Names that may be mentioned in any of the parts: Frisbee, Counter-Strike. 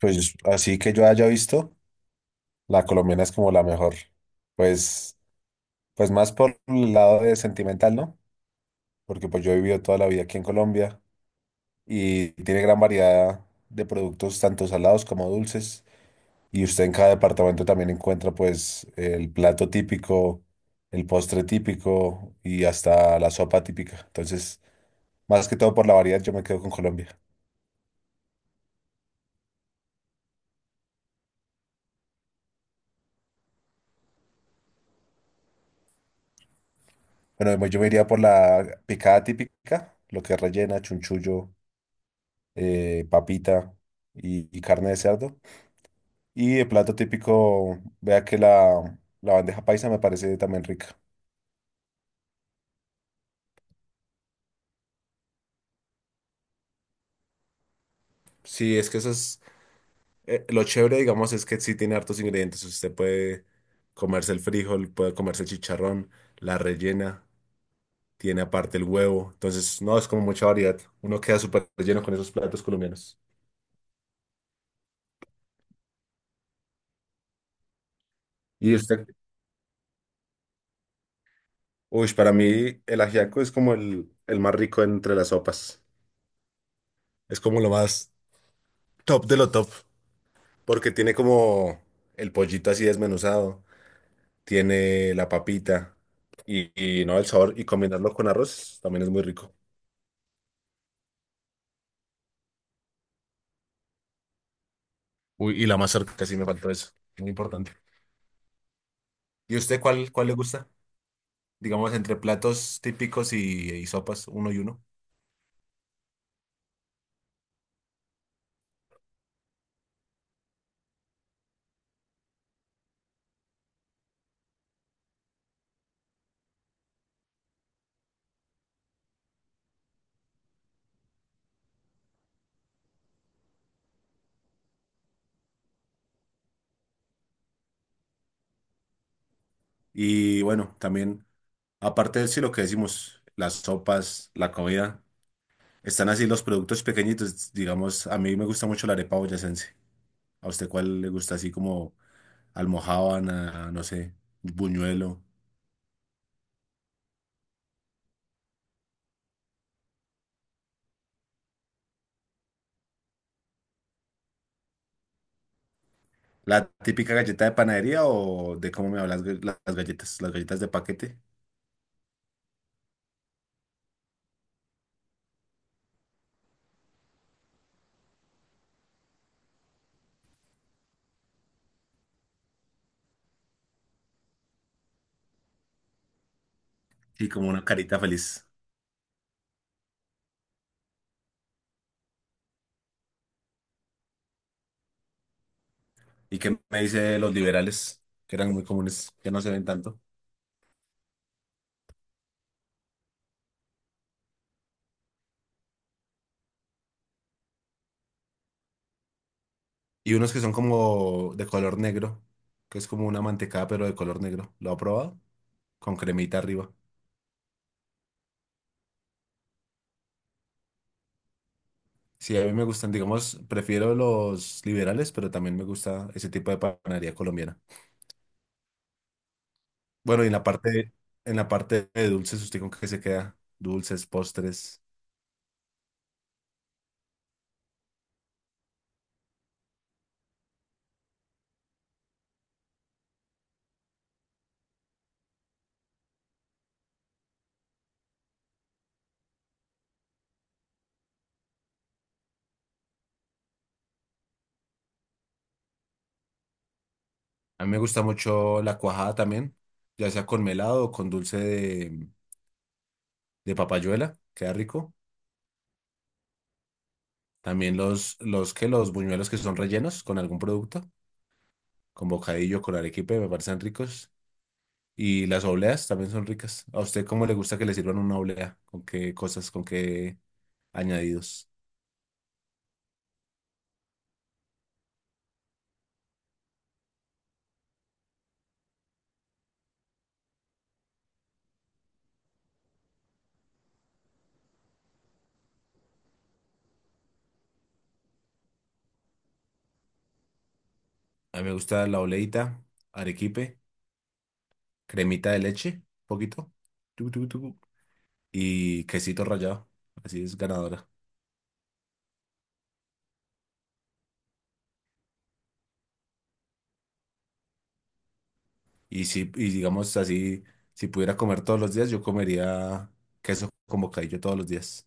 Pues así que yo haya visto, la colombiana es como la mejor. Pues, pues más por el lado de sentimental, ¿no? Porque pues yo he vivido toda la vida aquí en Colombia y tiene gran variedad de productos, tanto salados como dulces. Y usted en cada departamento también encuentra pues el plato típico, el postre típico y hasta la sopa típica. Entonces, más que todo por la variedad, yo me quedo con Colombia. Bueno, yo me iría por la picada típica, lo que es rellena, chunchullo papita y carne de cerdo. Y el plato típico, vea que la bandeja paisa me parece también rica. Sí, es que eso es lo chévere, digamos, es que sí tiene hartos ingredientes. Usted puede comerse el frijol, puede comerse el chicharrón, la rellena, tiene aparte el huevo. Entonces, no, es como mucha variedad. Uno queda súper lleno con esos platos colombianos. Y usted, uy, para mí el ajiaco es como el más rico entre las sopas. Es como lo más top de lo top. Porque tiene como el pollito así desmenuzado, tiene la papita y, y no el sabor y combinarlo con arroz también es muy rico. Uy, y la mazorca sí me faltó eso, muy importante. ¿Y usted cuál le gusta? Digamos, entre platos típicos y sopas, uno y uno. Y bueno, también, aparte de sí, lo que decimos, las sopas, la comida, están así los productos pequeñitos. Digamos, a mí me gusta mucho la arepa boyacense. ¿A usted cuál le gusta así como almojábana, no sé, buñuelo? La típica galleta de panadería o de cómo me hablas las galletas de paquete. Y como una carita feliz. ¿Y qué me dice de los liberales? Que eran muy comunes, que no se ven tanto. Y unos que son como de color negro, que es como una mantecada pero de color negro. ¿Lo ha probado? Con cremita arriba. Sí, a mí me gustan, digamos, prefiero los liberales, pero también me gusta ese tipo de panadería colombiana. Bueno, y en en la parte de dulces, ¿usted con qué se queda? Dulces, postres. A mí me gusta mucho la cuajada también, ya sea con melado o con dulce de papayuela, queda rico. También los que los buñuelos que son rellenos con algún producto, con bocadillo, con arequipe, me parecen ricos. Y las obleas también son ricas. ¿A usted cómo le gusta que le sirvan una oblea? ¿Con qué cosas? ¿Con qué añadidos? A mí me gusta la obleita, arequipe, cremita de leche, poquito, y quesito rallado. Así es ganadora. Y si, y digamos así, si pudiera comer todos los días, yo comería queso con bocadillo todos los días.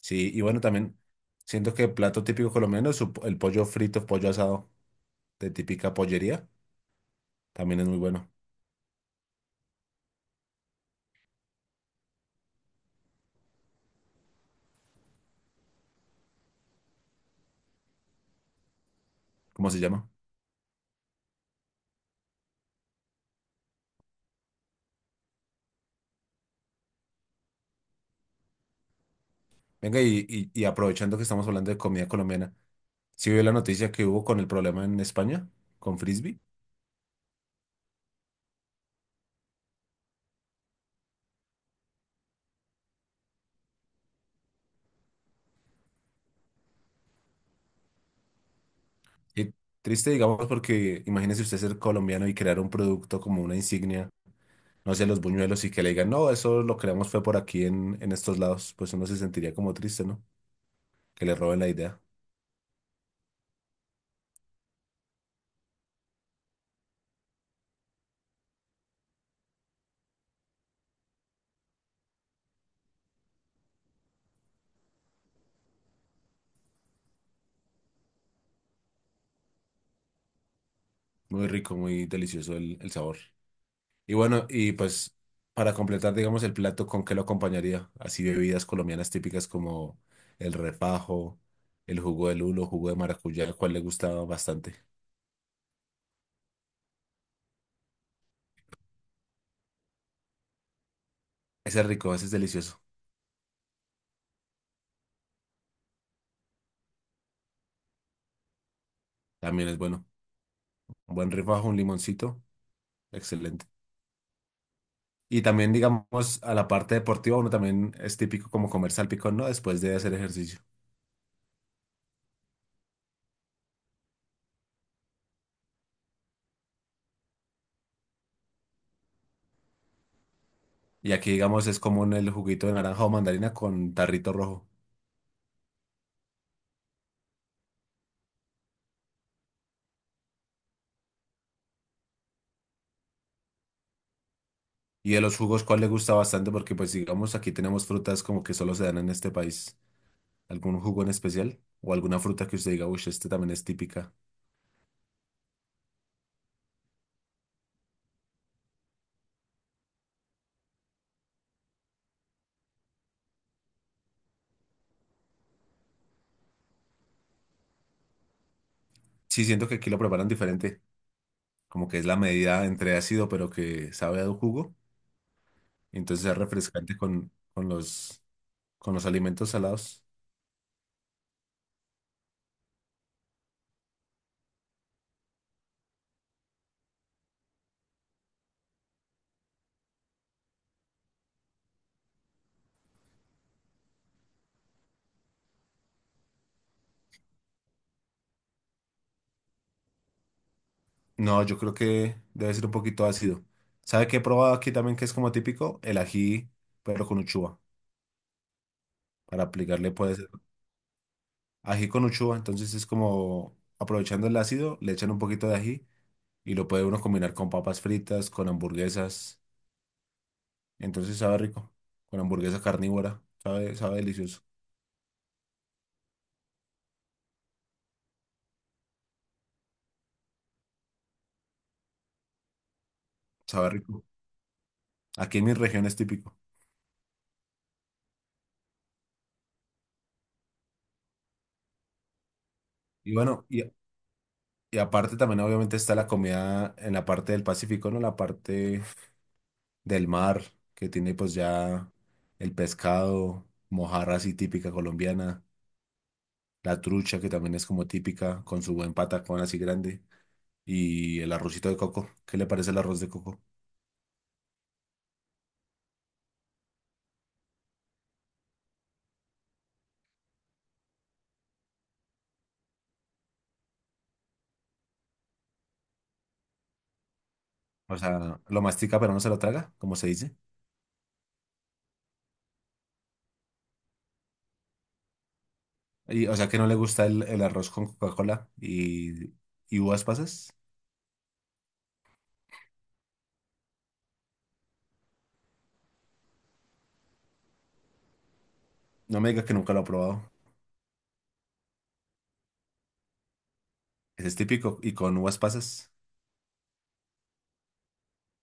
Sí, y bueno, también siento que el plato típico colombiano es el pollo frito, pollo asado de típica pollería. También es muy bueno. ¿Cómo se llama? Venga, y aprovechando que estamos hablando de comida colombiana, ¿sí vio la noticia que hubo con el problema en España con Frisbee? Y triste, digamos, porque imagínese usted ser colombiano y crear un producto como una insignia, no sé, los buñuelos y que le digan, no, eso lo creamos fue por aquí en estos lados, pues uno se sentiría como triste, ¿no? Que le roben la idea. Muy rico, muy delicioso el sabor. Y bueno, y pues para completar, digamos, el plato, ¿con qué lo acompañaría? Así bebidas colombianas típicas como el refajo, el jugo de lulo, jugo de maracuyá, el cual le gustaba bastante. Ese es rico, ese es delicioso. También es bueno. Un buen refajo, un limoncito, excelente. Y también, digamos, a la parte deportiva, uno también es típico como comer salpicón, ¿no? Después de hacer ejercicio. Y aquí, digamos, es común el juguito de naranja o mandarina con tarrito rojo. Y de los jugos, ¿cuál le gusta bastante? Porque, pues, digamos, aquí tenemos frutas como que solo se dan en este país. ¿Algún jugo en especial? ¿O alguna fruta que usted diga, uy, este también es típica? Sí, siento que aquí lo preparan diferente. Como que es la medida entre ácido, pero que sabe a un jugo. Entonces es refrescante con los, con los alimentos salados. No, yo creo que debe ser un poquito ácido. ¿Sabe qué he probado aquí también que es como típico? El ají, pero con uchuva. Para aplicarle puede ser ají con uchuva. Entonces es como aprovechando el ácido, le echan un poquito de ají y lo puede uno combinar con papas fritas, con hamburguesas. Entonces sabe rico. Con hamburguesa carnívora. Sabe, sabe delicioso. Sabe rico. Aquí en mi región es típico. Y bueno, aparte también obviamente está la comida en la parte del Pacífico, ¿no? La parte del mar, que tiene pues ya el pescado, mojarra así típica colombiana, la trucha que también es como típica, con su buen patacón así grande, y el arrocito de coco. ¿Qué le parece el arroz de coco? O sea, lo mastica pero no se lo traga, como se dice. Y, o sea, que no le gusta el arroz con Coca-Cola y uvas pasas. No me diga que nunca lo ha probado. Ese es típico y con uvas pasas.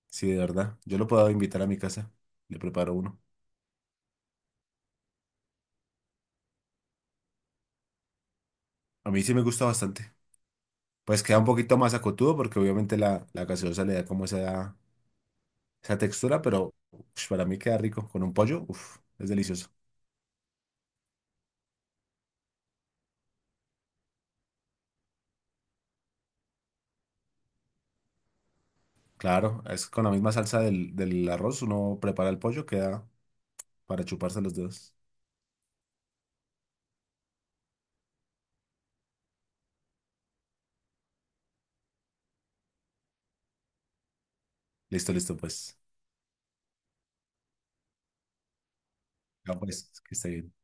Sí, de verdad. Yo lo puedo invitar a mi casa. Le preparo uno. A mí sí me gusta bastante. Pues queda un poquito más acotudo porque obviamente la gaseosa le da como esa textura, pero ush, para mí queda rico. Con un pollo, uf, es delicioso. Claro, es con la misma salsa del arroz, uno prepara el pollo, queda para chuparse los dedos. Listo, listo, pues. Ya pues, que esté bien.